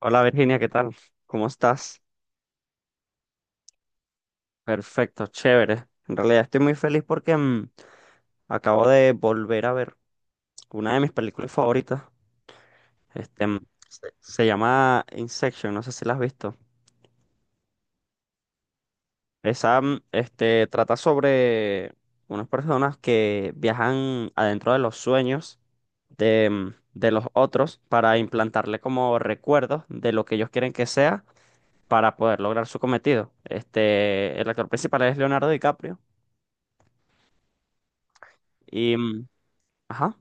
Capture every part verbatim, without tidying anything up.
Hola Virginia, ¿qué tal? ¿Cómo estás? Perfecto, chévere. En realidad estoy muy feliz porque mm, acabo de volver a ver una de mis películas favoritas. Este, mm, se, se llama Inception, no sé si la has visto. Esa, mm, este, trata sobre unas personas que viajan adentro de los sueños de, mm, de los otros para implantarle como recuerdos de lo que ellos quieren que sea para poder lograr su cometido. Este, el actor principal es Leonardo DiCaprio. Y mm, Ajá.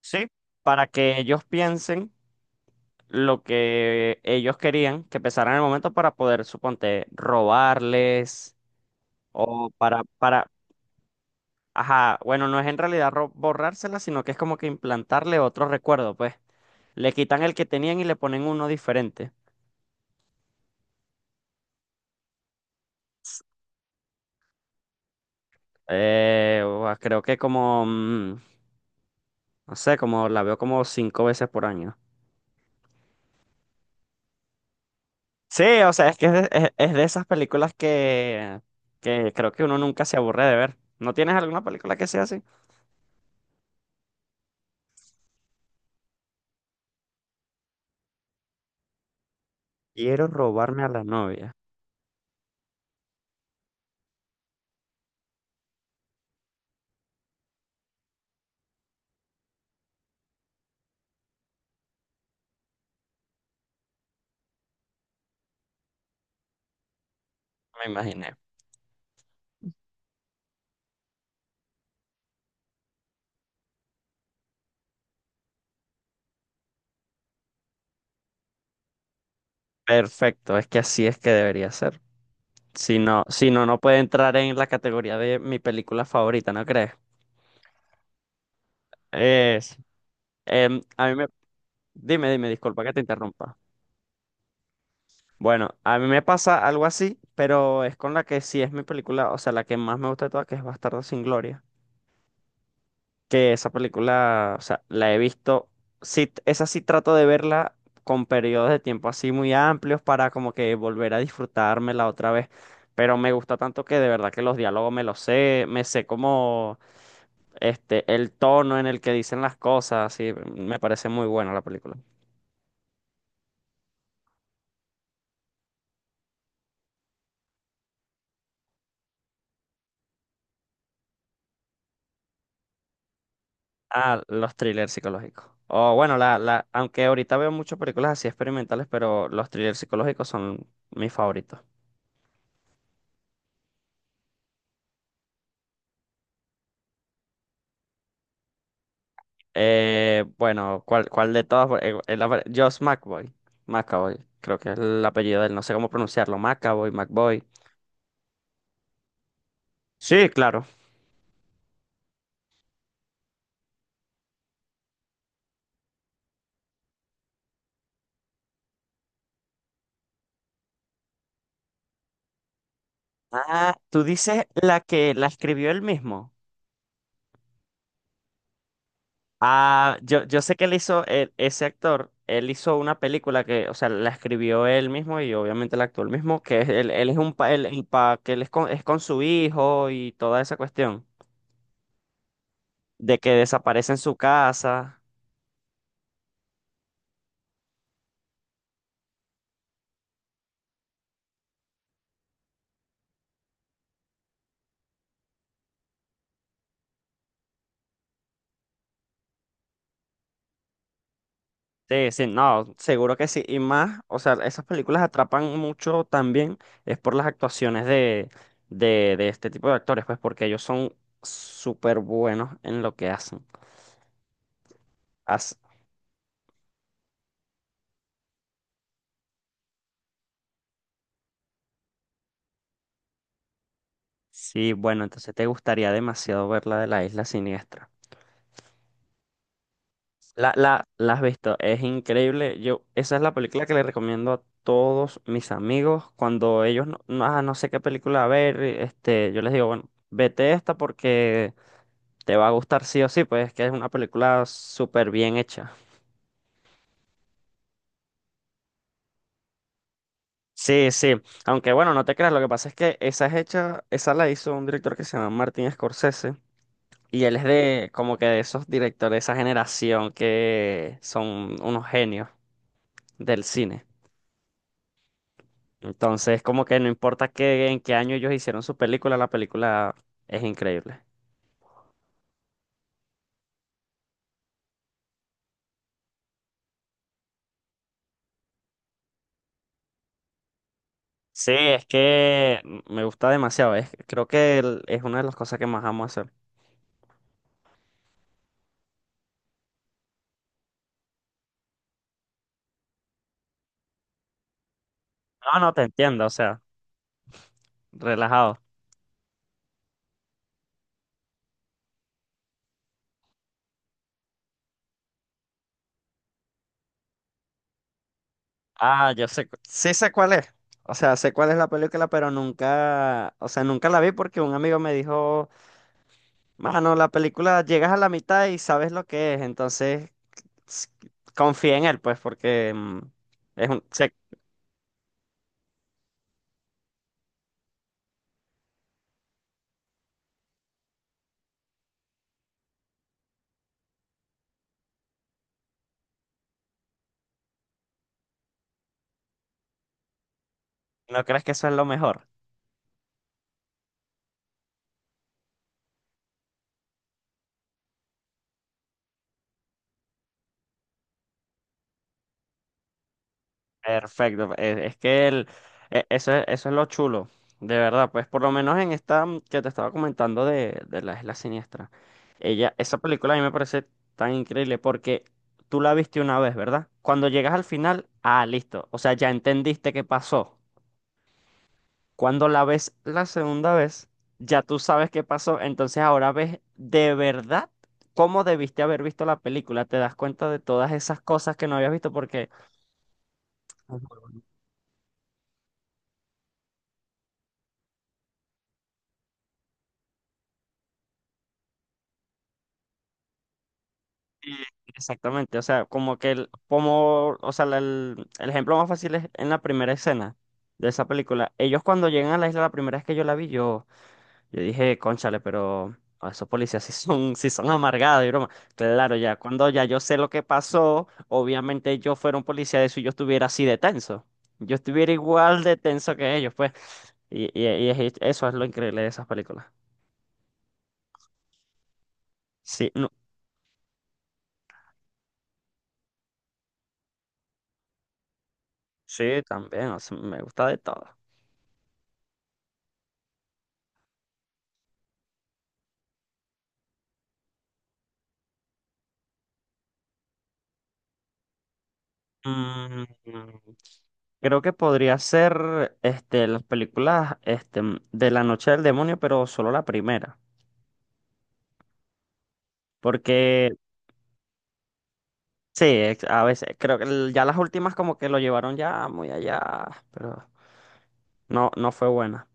¿Sí? Para que ellos piensen lo que ellos querían que pensaran en el momento para poder, suponte, robarles o para, para, ajá, bueno, no es en realidad ro- borrársela, sino que es como que implantarle otro recuerdo, pues. Le quitan el que tenían y le ponen uno diferente. Eh, ua, creo que como, mm, no sé, como la veo como cinco veces por año. Sí, o sea, es que es de, es- es de esas películas que, que creo que uno nunca se aburre de ver. ¿No tienes alguna película que sea así? Quiero robarme a la novia. Me imaginé. Perfecto, es que así es que debería ser. Si no, si no, no puede entrar en la categoría de mi película favorita, ¿no crees? Es, em, a mí me, Dime, dime, disculpa que te interrumpa. Bueno, a mí me pasa algo así, pero es con la que sí es mi película, o sea, la que más me gusta de todas, que es Bastardo sin Gloria. Que esa película, o sea, la he visto, sí, esa sí trato de verla con periodos de tiempo así muy amplios para como que volver a disfrutármela otra vez, pero me gusta tanto que de verdad que los diálogos me los sé, me sé como este, el tono en el que dicen las cosas, sí, me parece muy buena la película. Ah, los thrillers psicológicos. O bueno, la, la, aunque ahorita veo muchas películas así experimentales, pero los thrillers psicológicos son mis favoritos. Eh, bueno, ¿cuál, cuál de todas? Eh, el apel- Josh McBoy. McAvoy, creo que es el apellido de él, no sé cómo pronunciarlo. McAvoy, McBoy. Sí, claro. Ah, tú dices la que la escribió él mismo. Ah, yo, yo sé que él hizo, el- ese actor, él hizo una película que, o sea, la escribió él mismo y obviamente la actuó él mismo, que es- él, él es un pa, él- el pa- que él es con, es con su hijo y toda esa cuestión, de que desaparece en su casa. Sí, sí, no, seguro que sí. Y más, o sea, esas películas atrapan mucho también es por las actuaciones de, de, de este tipo de actores, pues porque ellos son súper buenos en lo que hacen. As- sí, bueno, entonces te gustaría demasiado ver la de la Isla Siniestra. La, la, la has visto, es increíble. Yo, esa es la película que le recomiendo a todos mis amigos. Cuando ellos no, no, ah, no sé qué película ver, este, yo les digo, bueno, vete esta porque te va a gustar sí o sí, pues es que es una película súper bien hecha. Sí, sí. Aunque bueno, no te creas, lo que pasa es que esa es hecha, esa la hizo un director que se llama Martin Scorsese. Y él es de como que de esos directores, de esa generación que son unos genios del cine. Entonces, como que no importa qué, en qué año ellos hicieron su película, la película es increíble. Sí, es que me gusta demasiado. Es, creo que el- es una de las cosas que más amo hacer. No, no, te entiendo, o sea, relajado. Ah, yo sé, cu- sí sé cuál es. O sea, sé cuál es la película, pero nunca, o sea, nunca la vi porque un amigo me dijo, mano, la película llegas a la mitad y sabes lo que es, entonces s- confía en él, pues, porque mm, es un- sé- ¿no crees que eso es lo mejor? Perfecto, eh, es que el, e- eso, es- eso es lo chulo, de verdad, pues por lo menos en esta mm, que te estaba comentando de, de la Isla Siniestra, ella, esa película a mí me parece tan increíble porque tú la viste una vez, ¿verdad? Cuando llegas al final, ah, listo, o sea, ya entendiste qué pasó. Cuando la ves la segunda vez, ya tú sabes qué pasó, entonces ahora ves de verdad cómo debiste haber visto la película, te das cuenta de todas esas cosas que no habías visto porque... Eh, Exactamente, o sea, como que el, como, o sea, la- el, el ejemplo más fácil es en la primera escena de esa película. Ellos cuando llegan a la isla, la primera vez que yo la vi, yo, yo dije, cónchale, pero esos policías sí son, sí son amargados y broma. Claro, ya cuando ya yo sé lo que pasó, obviamente yo fuera un policía de eso y yo estuviera así de tenso. Yo estuviera igual de tenso que ellos, pues. Y, y, y es- eso es lo increíble de esas películas. Sí, no, sí, también, o sea, me gusta de todo. Mm, Creo que podría ser este, las películas este, de La Noche del Demonio, pero solo la primera. Porque sí, ex- a veces creo que el- ya las últimas como que lo llevaron ya muy allá, pero no, no fue buena.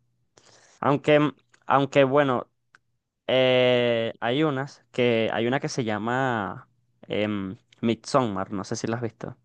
Aunque, mm, aunque bueno, eh, hay unas que, hay una que se llama em, Midsommar, no sé si la has visto.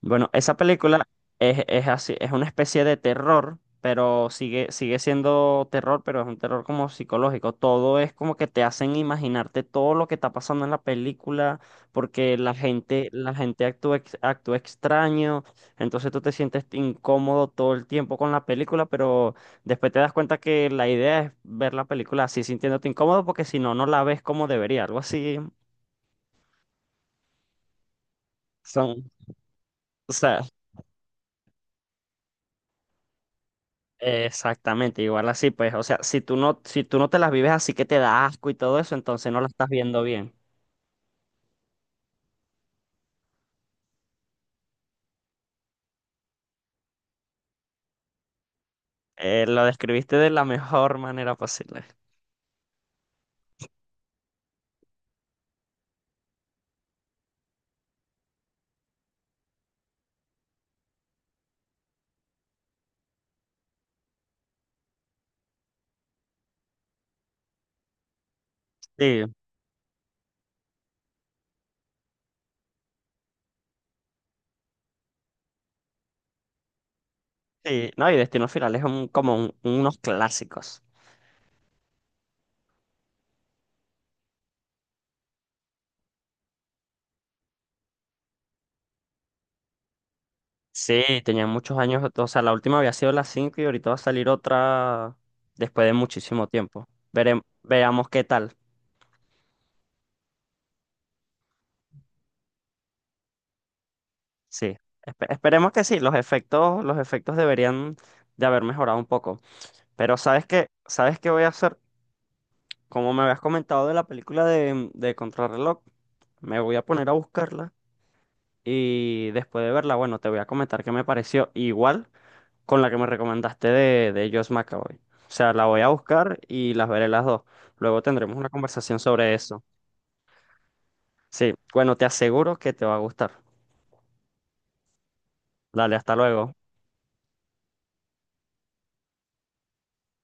Bueno, esa película es, es así, es una especie de terror, pero sigue, sigue siendo terror, pero es un terror como psicológico. Todo es como que te hacen imaginarte todo lo que está pasando en la película, porque la gente, la gente actúa, ex- actúa extraño, entonces tú te sientes incómodo todo el tiempo con la película, pero después te das cuenta que la idea es ver la película así sintiéndote incómodo, porque si no, no la ves como debería, algo así. Son, o sea, exactamente, igual así, pues, o sea, si tú no, si tú no te las vives así que te da asco y todo eso, entonces no la estás viendo bien. Eh, lo describiste de la mejor manera posible. Sí, sí, no, y Destino Final es un- como un- unos clásicos. Sí, tenían muchos años, o sea, la última había sido la cinco y ahorita va a salir otra después de muchísimo tiempo. Veremos, veamos qué tal. Sí, espe- esperemos que sí, los efectos, los efectos deberían de haber mejorado un poco. Pero ¿sabes qué? ¿Sabes qué voy a hacer? Como me habías comentado de la película de, de Contrarreloj, me voy a poner a buscarla y después de verla, bueno, te voy a comentar qué me pareció igual con la que me recomendaste de, de Josh McAvoy. O sea, la voy a buscar y las veré las dos. Luego tendremos una conversación sobre eso. Sí, bueno, te aseguro que te va a gustar. Dale, hasta luego.